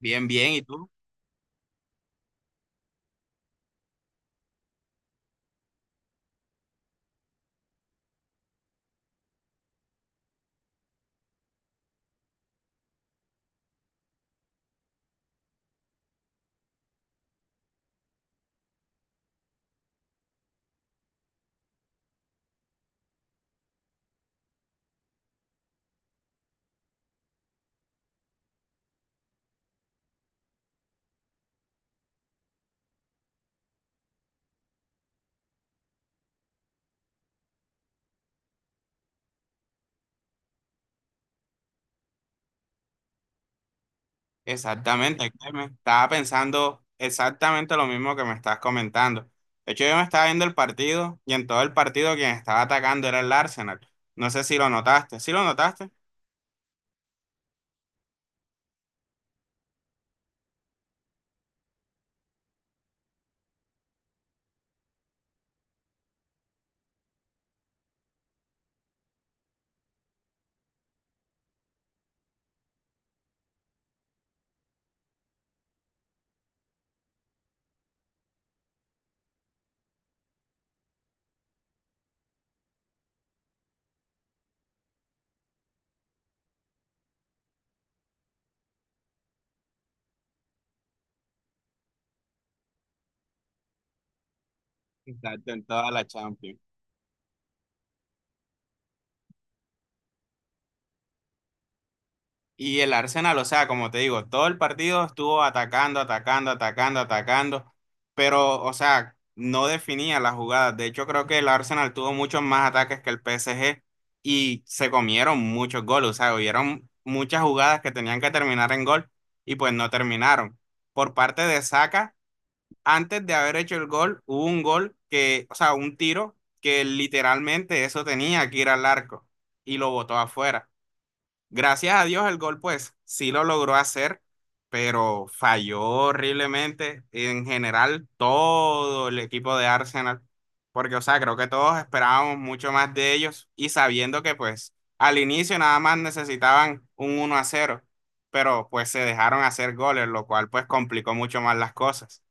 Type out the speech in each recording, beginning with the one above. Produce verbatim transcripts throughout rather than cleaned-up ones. Bien, bien, ¿y tú? Exactamente, Clemen. Estaba pensando exactamente lo mismo que me estás comentando. De hecho, yo me estaba viendo el partido y en todo el partido quien estaba atacando era el Arsenal. No sé si lo notaste. ¿Sí lo notaste? Exacto, en toda la Champions. Y el Arsenal, o sea, como te digo, todo el partido estuvo atacando, atacando, atacando, atacando, pero, o sea, no definía las jugadas. De hecho, creo que el Arsenal tuvo muchos más ataques que el P S G y se comieron muchos goles, o sea, hubieron muchas jugadas que tenían que terminar en gol y pues no terminaron. Por parte de Saka, antes de haber hecho el gol, hubo un gol que, o sea, un tiro que literalmente eso tenía que ir al arco y lo botó afuera. Gracias a Dios el gol pues sí lo logró hacer, pero falló horriblemente en general todo el equipo de Arsenal, porque o sea, creo que todos esperábamos mucho más de ellos y sabiendo que pues al inicio nada más necesitaban un uno a cero, pero pues se dejaron hacer goles, lo cual pues complicó mucho más las cosas.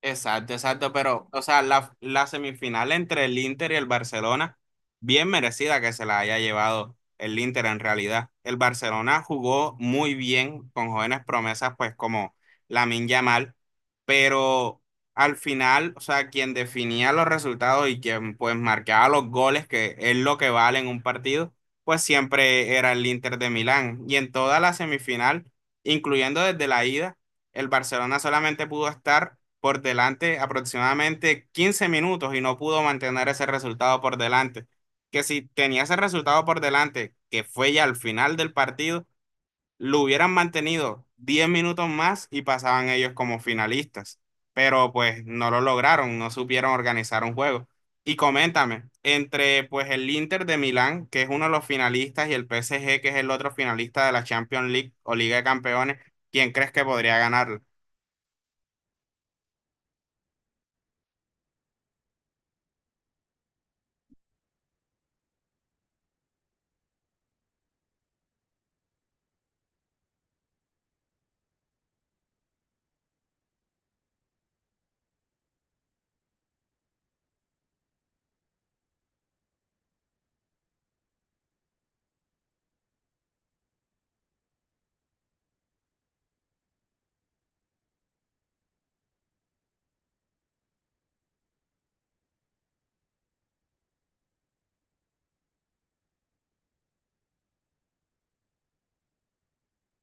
Exacto, exacto, pero, o sea, la, la semifinal entre el Inter y el Barcelona, bien merecida que se la haya llevado el Inter en realidad. El Barcelona jugó muy bien con jóvenes promesas, pues como Lamine Yamal, pero al final, o sea, quien definía los resultados y quien pues marcaba los goles, que es lo que vale en un partido, pues siempre era el Inter de Milán. Y en toda la semifinal, incluyendo desde la ida, el Barcelona solamente pudo estar por delante aproximadamente quince minutos y no pudo mantener ese resultado por delante. Que si tenía ese resultado por delante, que fue ya al final del partido, lo hubieran mantenido diez minutos más y pasaban ellos como finalistas. Pero pues no lo lograron, no supieron organizar un juego. Y coméntame, entre pues el Inter de Milán, que es uno de los finalistas, y el P S G, que es el otro finalista de la Champions League o Liga de Campeones, ¿quién crees que podría ganarlo?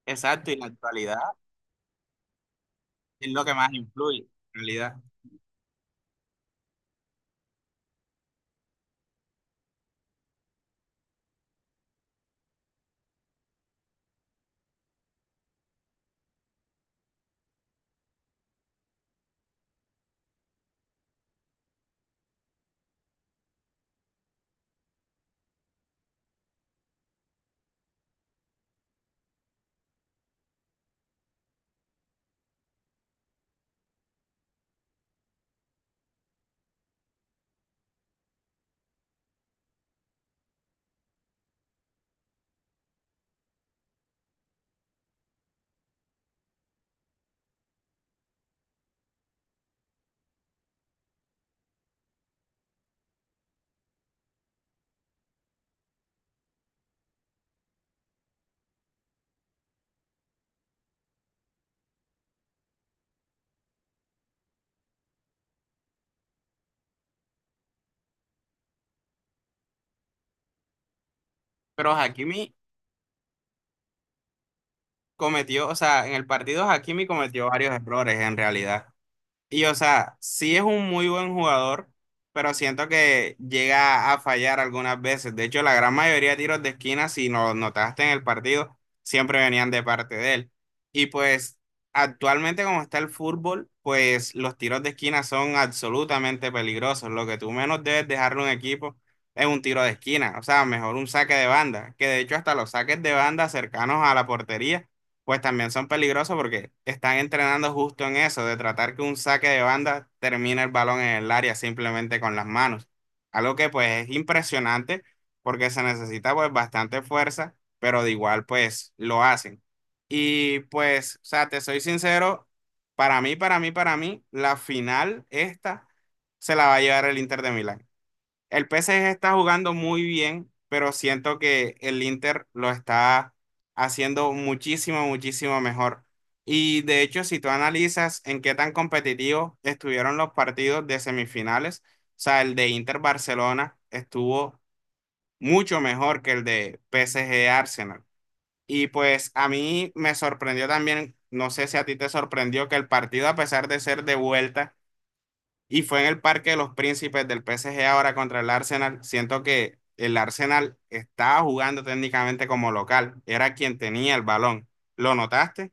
Exacto, y la actualidad. Es lo que más influye, en realidad. Pero Hakimi cometió, o sea, en el partido Hakimi cometió varios errores, en realidad. Y o sea, sí es un muy buen jugador, pero siento que llega a fallar algunas veces. De hecho, la gran mayoría de tiros de esquina, si lo notaste en el partido, siempre venían de parte de él. Y pues actualmente como está el fútbol, pues los tiros de esquina son absolutamente peligrosos. Lo que tú menos debes dejarle a un equipo es un tiro de esquina. O sea, mejor un saque de banda, que de hecho hasta los saques de banda cercanos a la portería pues también son peligrosos porque están entrenando justo en eso, de tratar que un saque de banda termine el balón en el área simplemente con las manos. Algo que pues es impresionante porque se necesita pues bastante fuerza, pero de igual pues lo hacen. Y pues, o sea, te soy sincero, para mí, para mí, para mí, la final esta se la va a llevar el Inter de Milán. El P S G está jugando muy bien, pero siento que el Inter lo está haciendo muchísimo, muchísimo mejor. Y de hecho, si tú analizas en qué tan competitivos estuvieron los partidos de semifinales, o sea, el de Inter Barcelona estuvo mucho mejor que el de P S G Arsenal. Y pues a mí me sorprendió también, no sé si a ti te sorprendió que el partido, a pesar de ser de vuelta, y fue en el Parque de los Príncipes del P S G ahora contra el Arsenal. Siento que el Arsenal estaba jugando técnicamente como local. Era quien tenía el balón. ¿Lo notaste?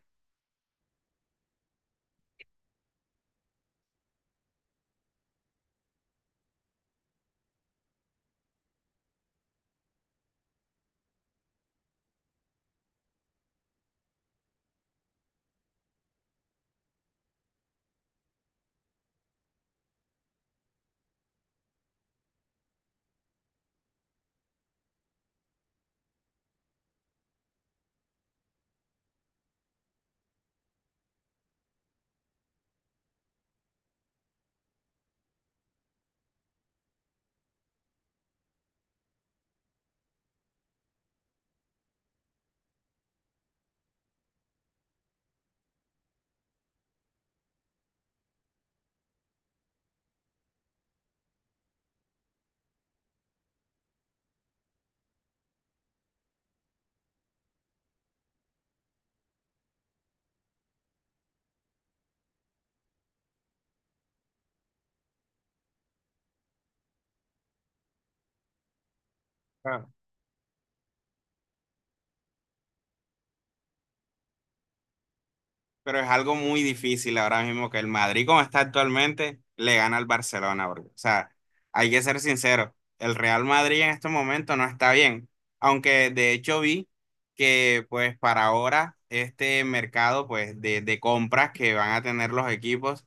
Pero es algo muy difícil ahora mismo que el Madrid, como está actualmente, le gana al Barcelona. Porque, o sea, hay que ser sincero, el Real Madrid en este momento no está bien. Aunque de hecho vi que pues para ahora este mercado pues de, de compras que van a tener los equipos,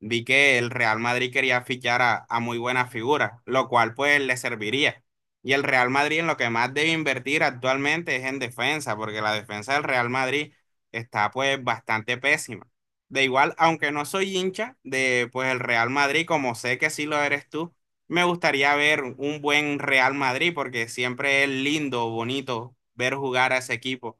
vi que el Real Madrid quería fichar a, a muy buenas figuras, lo cual pues le serviría. Y el Real Madrid en lo que más debe invertir actualmente es en defensa, porque la defensa del Real Madrid está pues bastante pésima. De igual, aunque no soy hincha de pues el Real Madrid, como sé que sí lo eres tú, me gustaría ver un buen Real Madrid porque siempre es lindo, bonito ver jugar a ese equipo,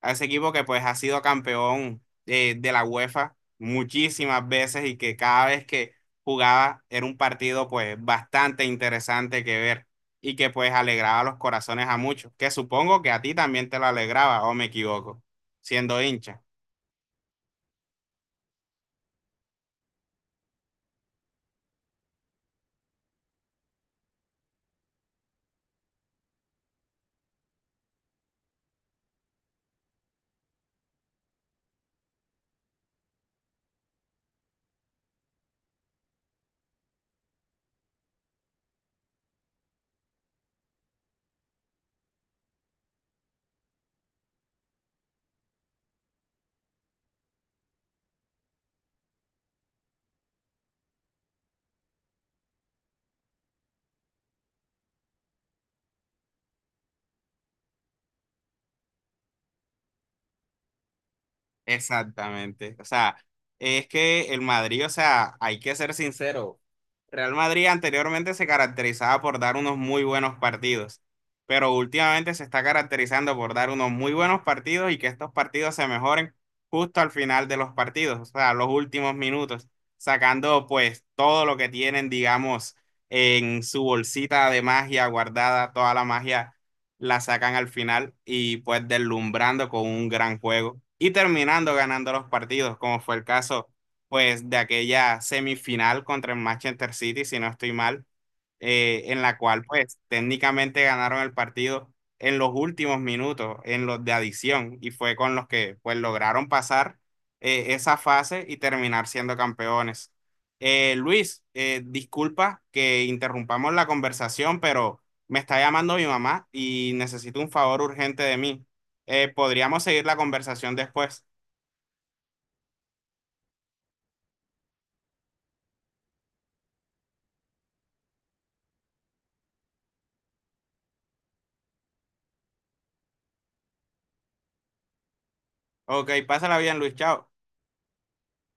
a ese equipo que pues ha sido campeón eh, de la UEFA muchísimas veces y que cada vez que jugaba era un partido pues bastante interesante que ver y que pues alegraba los corazones a muchos, que supongo que a ti también te lo alegraba o me equivoco, siendo hincha. Exactamente. O sea, es que el Madrid, o sea, hay que ser sincero. Real Madrid anteriormente se caracterizaba por dar unos muy buenos partidos, pero últimamente se está caracterizando por dar unos muy buenos partidos y que estos partidos se mejoren justo al final de los partidos, o sea, los últimos minutos, sacando pues todo lo que tienen, digamos, en su bolsita de magia guardada, toda la magia la sacan al final y pues deslumbrando con un gran juego y terminando ganando los partidos, como fue el caso pues de aquella semifinal contra el Manchester City, si no estoy mal, eh, en la cual pues técnicamente ganaron el partido en los últimos minutos, en los de adición, y fue con los que pues lograron pasar eh, esa fase y terminar siendo campeones. Eh, Luis, eh, disculpa que interrumpamos la conversación, pero me está llamando mi mamá y necesito un favor urgente de mí. Eh, podríamos seguir la conversación después. Ok, pásala bien, Luis, chao.